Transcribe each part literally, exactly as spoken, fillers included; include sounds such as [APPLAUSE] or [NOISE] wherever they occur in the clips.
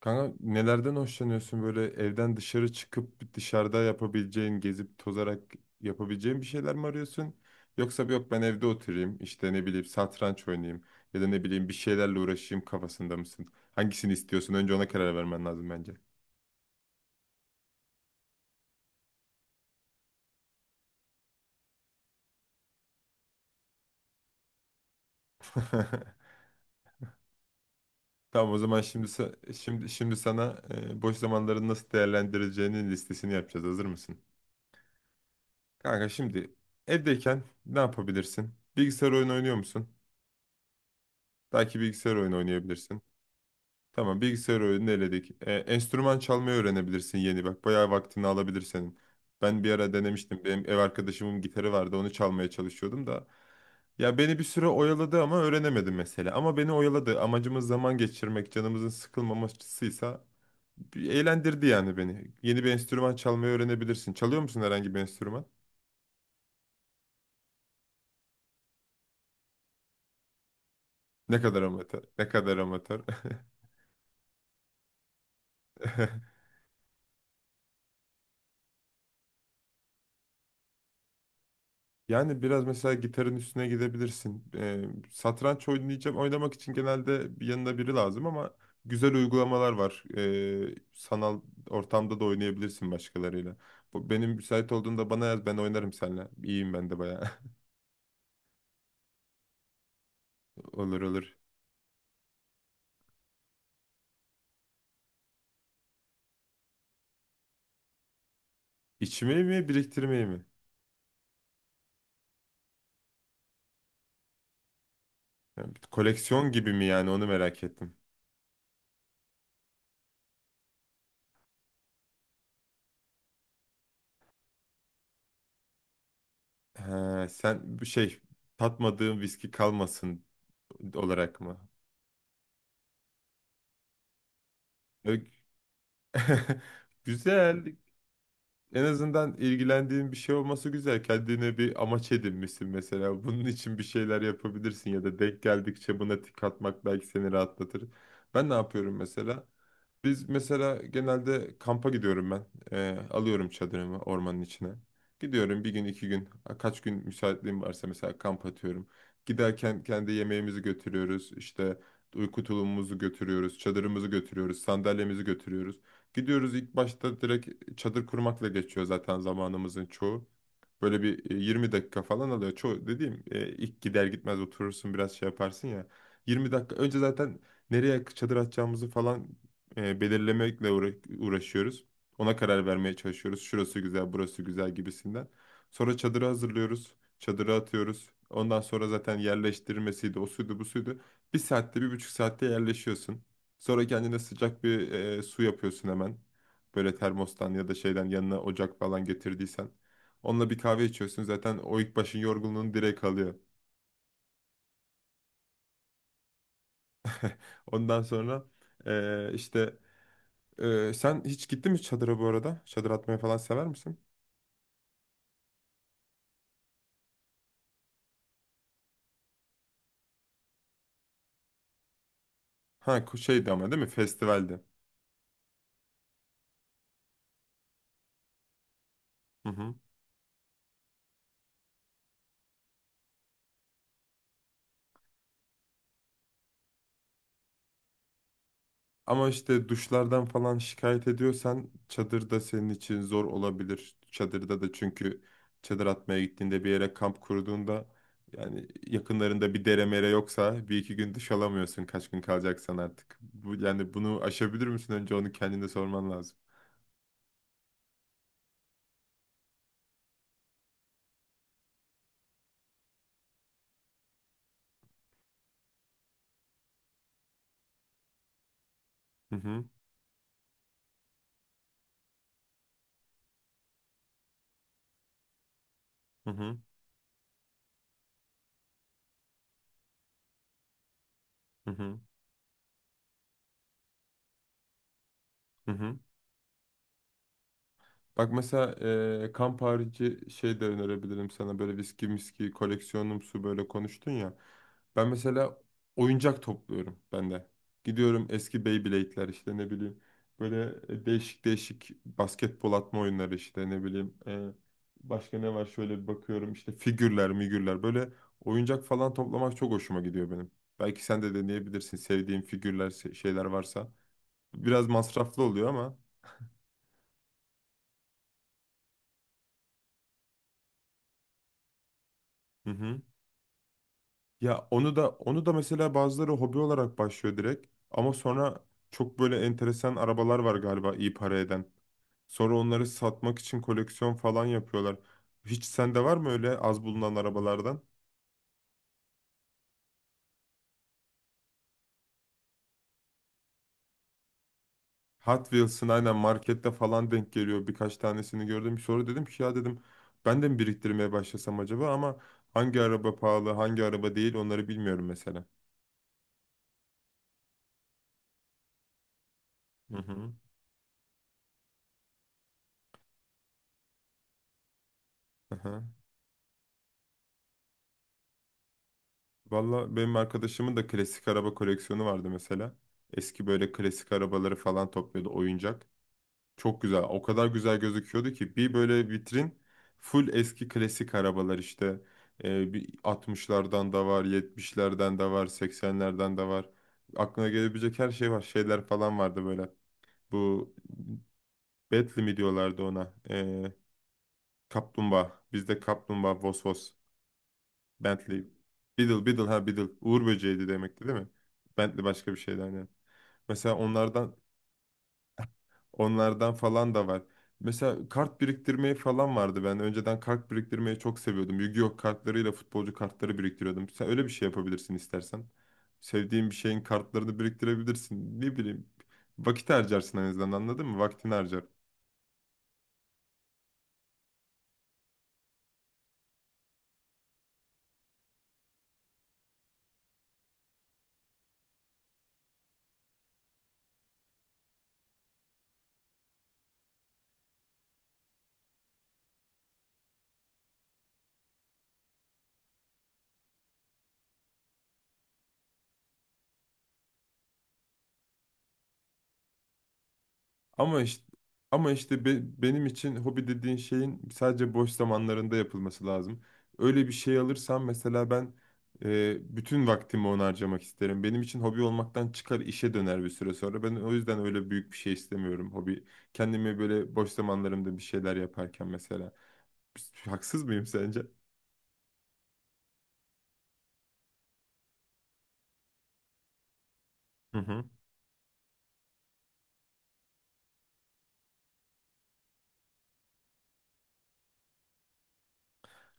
Kanka nelerden hoşlanıyorsun, böyle evden dışarı çıkıp dışarıda yapabileceğin, gezip tozarak yapabileceğin bir şeyler mi arıyorsun? Yoksa yok ben evde oturayım işte ne bileyim satranç oynayayım ya da ne bileyim bir şeylerle uğraşayım kafasında mısın? Hangisini istiyorsun? Önce ona karar vermen lazım bence. [LAUGHS] Tamam, o zaman şimdi sa- şimdi şimdi sana e, boş zamanlarını nasıl değerlendireceğinin listesini yapacağız. Hazır mısın? Kanka, şimdi evdeyken ne yapabilirsin? Bilgisayar oyunu oynuyor musun? Belki bilgisayar oyunu oynayabilirsin. Tamam, bilgisayar oyunu eledik. E, enstrüman çalmayı öğrenebilirsin yeni, bak. Bayağı vaktini alabilir senin. Ben bir ara denemiştim. Benim ev arkadaşımın gitarı vardı. Onu çalmaya çalışıyordum da. Ya beni bir süre oyaladı ama öğrenemedim mesela. Ama beni oyaladı. Amacımız zaman geçirmek, canımızın sıkılmamasıysa bir eğlendirdi yani beni. Yeni bir enstrüman çalmayı öğrenebilirsin. Çalıyor musun herhangi bir enstrüman? Ne kadar amatör, ne kadar amatör. [LAUGHS] Yani biraz mesela gitarın üstüne gidebilirsin. Ee, satranç oynayacağım, oynamak için genelde bir yanında biri lazım ama güzel uygulamalar var. Ee, sanal ortamda da oynayabilirsin başkalarıyla. Bu, benim müsait olduğunda bana yaz, ben oynarım seninle. İyiyim ben de bayağı. [LAUGHS] Olur, olur. İçmeyi mi, biriktirmeyi mi? Yani bir koleksiyon gibi mi yani, onu merak ettim. He, sen bir şey tatmadığın viski kalmasın olarak mı? Ö- [LAUGHS] Güzel. En azından ilgilendiğin bir şey olması güzel. Kendine bir amaç edinmişsin mesela. Bunun için bir şeyler yapabilirsin ya da denk geldikçe buna tik atmak belki seni rahatlatır. Ben ne yapıyorum mesela? Biz mesela, genelde kampa gidiyorum ben. Ee, alıyorum çadırımı ormanın içine. Gidiyorum bir gün, iki gün, a- kaç gün müsaitliğim varsa mesela kamp atıyorum. Giderken kendi yemeğimizi götürüyoruz, işte uyku tulumumuzu götürüyoruz. Çadırımızı götürüyoruz. Sandalyemizi götürüyoruz. Gidiyoruz, ilk başta direkt çadır kurmakla geçiyor zaten zamanımızın çoğu. Böyle bir e, yirmi dakika falan alıyor. Çoğu dediğim, e, ilk gider gitmez oturursun biraz şey yaparsın ya. yirmi dakika önce zaten nereye çadır atacağımızı falan e, belirlemekle uğra- uğraşıyoruz. Ona karar vermeye çalışıyoruz. Şurası güzel, burası güzel gibisinden. Sonra çadırı hazırlıyoruz. Çadırı atıyoruz. Ondan sonra zaten yerleştirmesiydi. O suydu, bu suydu. Bir saatte, bir buçuk saatte yerleşiyorsun. Sonra kendine sıcak bir e, su yapıyorsun hemen. Böyle termostan ya da şeyden, yanına ocak falan getirdiysen. Onunla bir kahve içiyorsun. Zaten o ilk başın yorgunluğunu direkt alıyor. Ondan sonra e, işte, e, sen hiç gittin mi çadıra bu arada? Çadır atmayı falan sever misin? Ha, ku- şeydi ama değil mi? Festivaldi. Hı hı. Ama işte duşlardan falan şikayet ediyorsan çadır da senin için zor olabilir. Çadırda da çünkü çadır atmaya gittiğinde, bir yere kamp kurduğunda yani yakınlarında bir dere mere yoksa bir iki gün duş alamıyorsun, kaç gün kalacaksan artık. Bu, yani bunu aşabilir misin? Önce onu kendine sorman lazım. Hı hı. Hı hı. Hı hı. Hı hı. Bak mesela, eee, kamp harici şey de önerebilirim sana, böyle viski miski koleksiyonumsu böyle konuştun ya. Ben mesela oyuncak topluyorum ben de. Gidiyorum eski Beyblade'ler işte, ne bileyim. Böyle değişik değişik basketbol atma oyunları işte, ne bileyim. Eee, başka ne var şöyle bir bakıyorum, işte figürler migürler, böyle oyuncak falan toplamak çok hoşuma gidiyor benim. Belki sen de deneyebilirsin, sevdiğin figürler se- şeyler varsa. Biraz masraflı oluyor ama. Hı hı. Ya onu da, onu da mesela, bazıları hobi olarak başlıyor direkt ama sonra çok böyle enteresan arabalar var galiba, iyi para eden. Sonra onları satmak için koleksiyon falan yapıyorlar. Hiç sende var mı öyle az bulunan arabalardan? Hot Wheels'ın aynen markette falan denk geliyor. Birkaç tanesini gördüm. Sonra dedim ki ya, dedim ben de mi biriktirmeye başlasam acaba ama hangi araba pahalı, hangi araba değil, onları bilmiyorum mesela. Hı hı. Aha. Valla benim arkadaşımın da klasik araba koleksiyonu vardı mesela. Eski böyle klasik arabaları falan topluyordu oyuncak. Çok güzel. O kadar güzel gözüküyordu ki, bir böyle vitrin full eski klasik arabalar işte. Ee, bir altmışlardan da var, yetmişlerden de var, seksenlerden de var. Aklına gelebilecek her şey var. Şeyler falan vardı böyle. Bu Bentley mi diyorlardı ona? Ee, kaplumbağa. Bizde kaplumbağa, Vosvos. Bentley. Beetle, Beetle, ha Beetle. Uğur böceğiydi demekti değil mi? Bentley başka bir şeydi aynen. Mesela onlardan, onlardan falan da var. Mesela kart biriktirmeyi falan vardı ben. Önceden kart biriktirmeyi çok seviyordum. Yu-Gi-Oh kartlarıyla futbolcu kartları biriktiriyordum. Sen öyle bir şey yapabilirsin istersen. Sevdiğin bir şeyin kartlarını biriktirebilirsin. Ne bileyim. Vakit harcarsın en azından, anladın mı? Vaktini harcar. Ama işte ama işte be- benim için hobi dediğin şeyin sadece boş zamanlarında yapılması lazım. Öyle bir şey alırsam mesela ben, e, bütün vaktimi ona harcamak isterim. Benim için hobi olmaktan çıkar, işe döner bir süre sonra. Ben o yüzden öyle büyük bir şey istemiyorum hobi. Kendimi böyle boş zamanlarımda bir şeyler yaparken mesela. Haksız mıyım sence? Hı hı.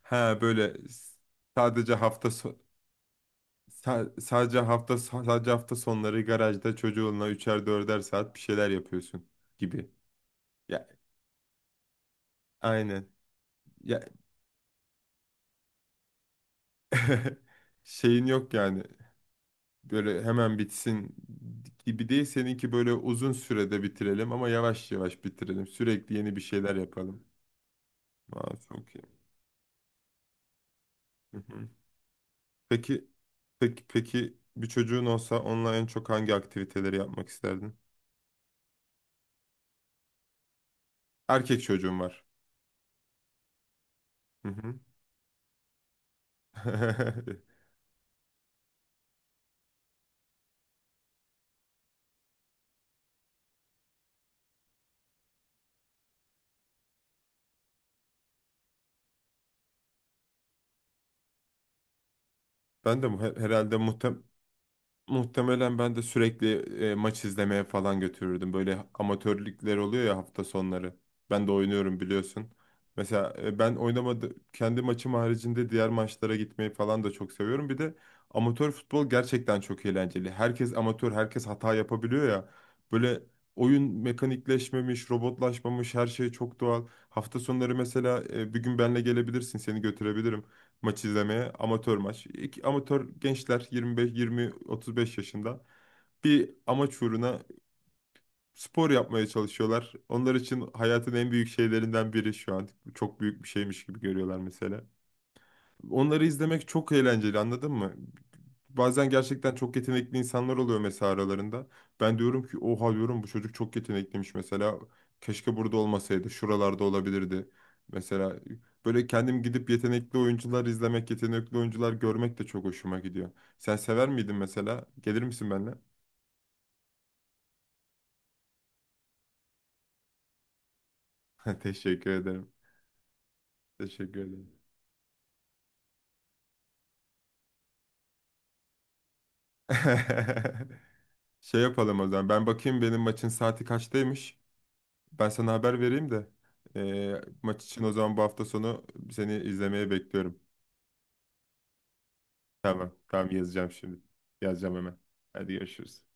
Ha böyle s- sadece hafta so- Sa- sadece hafta sadece hafta sonları garajda çocuğunla üçer dörder saat bir şeyler yapıyorsun gibi. Ya aynen. Ya [LAUGHS] şeyin yok yani. Böyle hemen bitsin gibi değil. Seninki böyle uzun sürede bitirelim ama yavaş yavaş bitirelim. Sürekli yeni bir şeyler yapalım. Aa, çok iyi. Hı hı. Peki peki peki bir çocuğun olsa onunla en çok hangi aktiviteleri yapmak isterdin? Erkek çocuğum var. Hı hı. [LAUGHS] Ben de mu- herhalde muhtem Muhtemelen ben de sürekli e, maç izlemeye falan götürürdüm. Böyle amatörlükler oluyor ya hafta sonları. Ben de oynuyorum biliyorsun. Mesela e, ben oynamadı, kendi maçım haricinde diğer maçlara gitmeyi falan da çok seviyorum. Bir de amatör futbol gerçekten çok eğlenceli. Herkes amatör, herkes hata yapabiliyor ya. Böyle oyun mekanikleşmemiş, robotlaşmamış, her şey çok doğal. Hafta sonları mesela, e, bir gün benle gelebilirsin, seni götürebilirim maç izlemeye. Amatör maç. İki, amatör gençler yirmi beş, yirmi, otuz beş yaşında bir amaç uğruna spor yapmaya çalışıyorlar. Onlar için hayatın en büyük şeylerinden biri şu an. Çok büyük bir şeymiş gibi görüyorlar mesela. Onları izlemek çok eğlenceli, anladın mı? Bazen gerçekten çok yetenekli insanlar oluyor mesela aralarında. Ben diyorum ki oha, diyorum bu çocuk çok yetenekliymiş mesela. Keşke burada olmasaydı, şuralarda olabilirdi. Mesela böyle kendim gidip yetenekli oyuncular izlemek, yetenekli oyuncular görmek de çok hoşuma gidiyor. Sen sever miydin mesela? Gelir misin benimle? [LAUGHS] Teşekkür ederim. Teşekkür ederim. [LAUGHS] Şey yapalım o zaman. Ben bakayım benim maçın saati kaçtaymış. Ben sana haber vereyim de eee, maç için o zaman, bu hafta sonu seni izlemeye bekliyorum. Tamam, tamam, yazacağım şimdi. Yazacağım hemen. Hadi görüşürüz.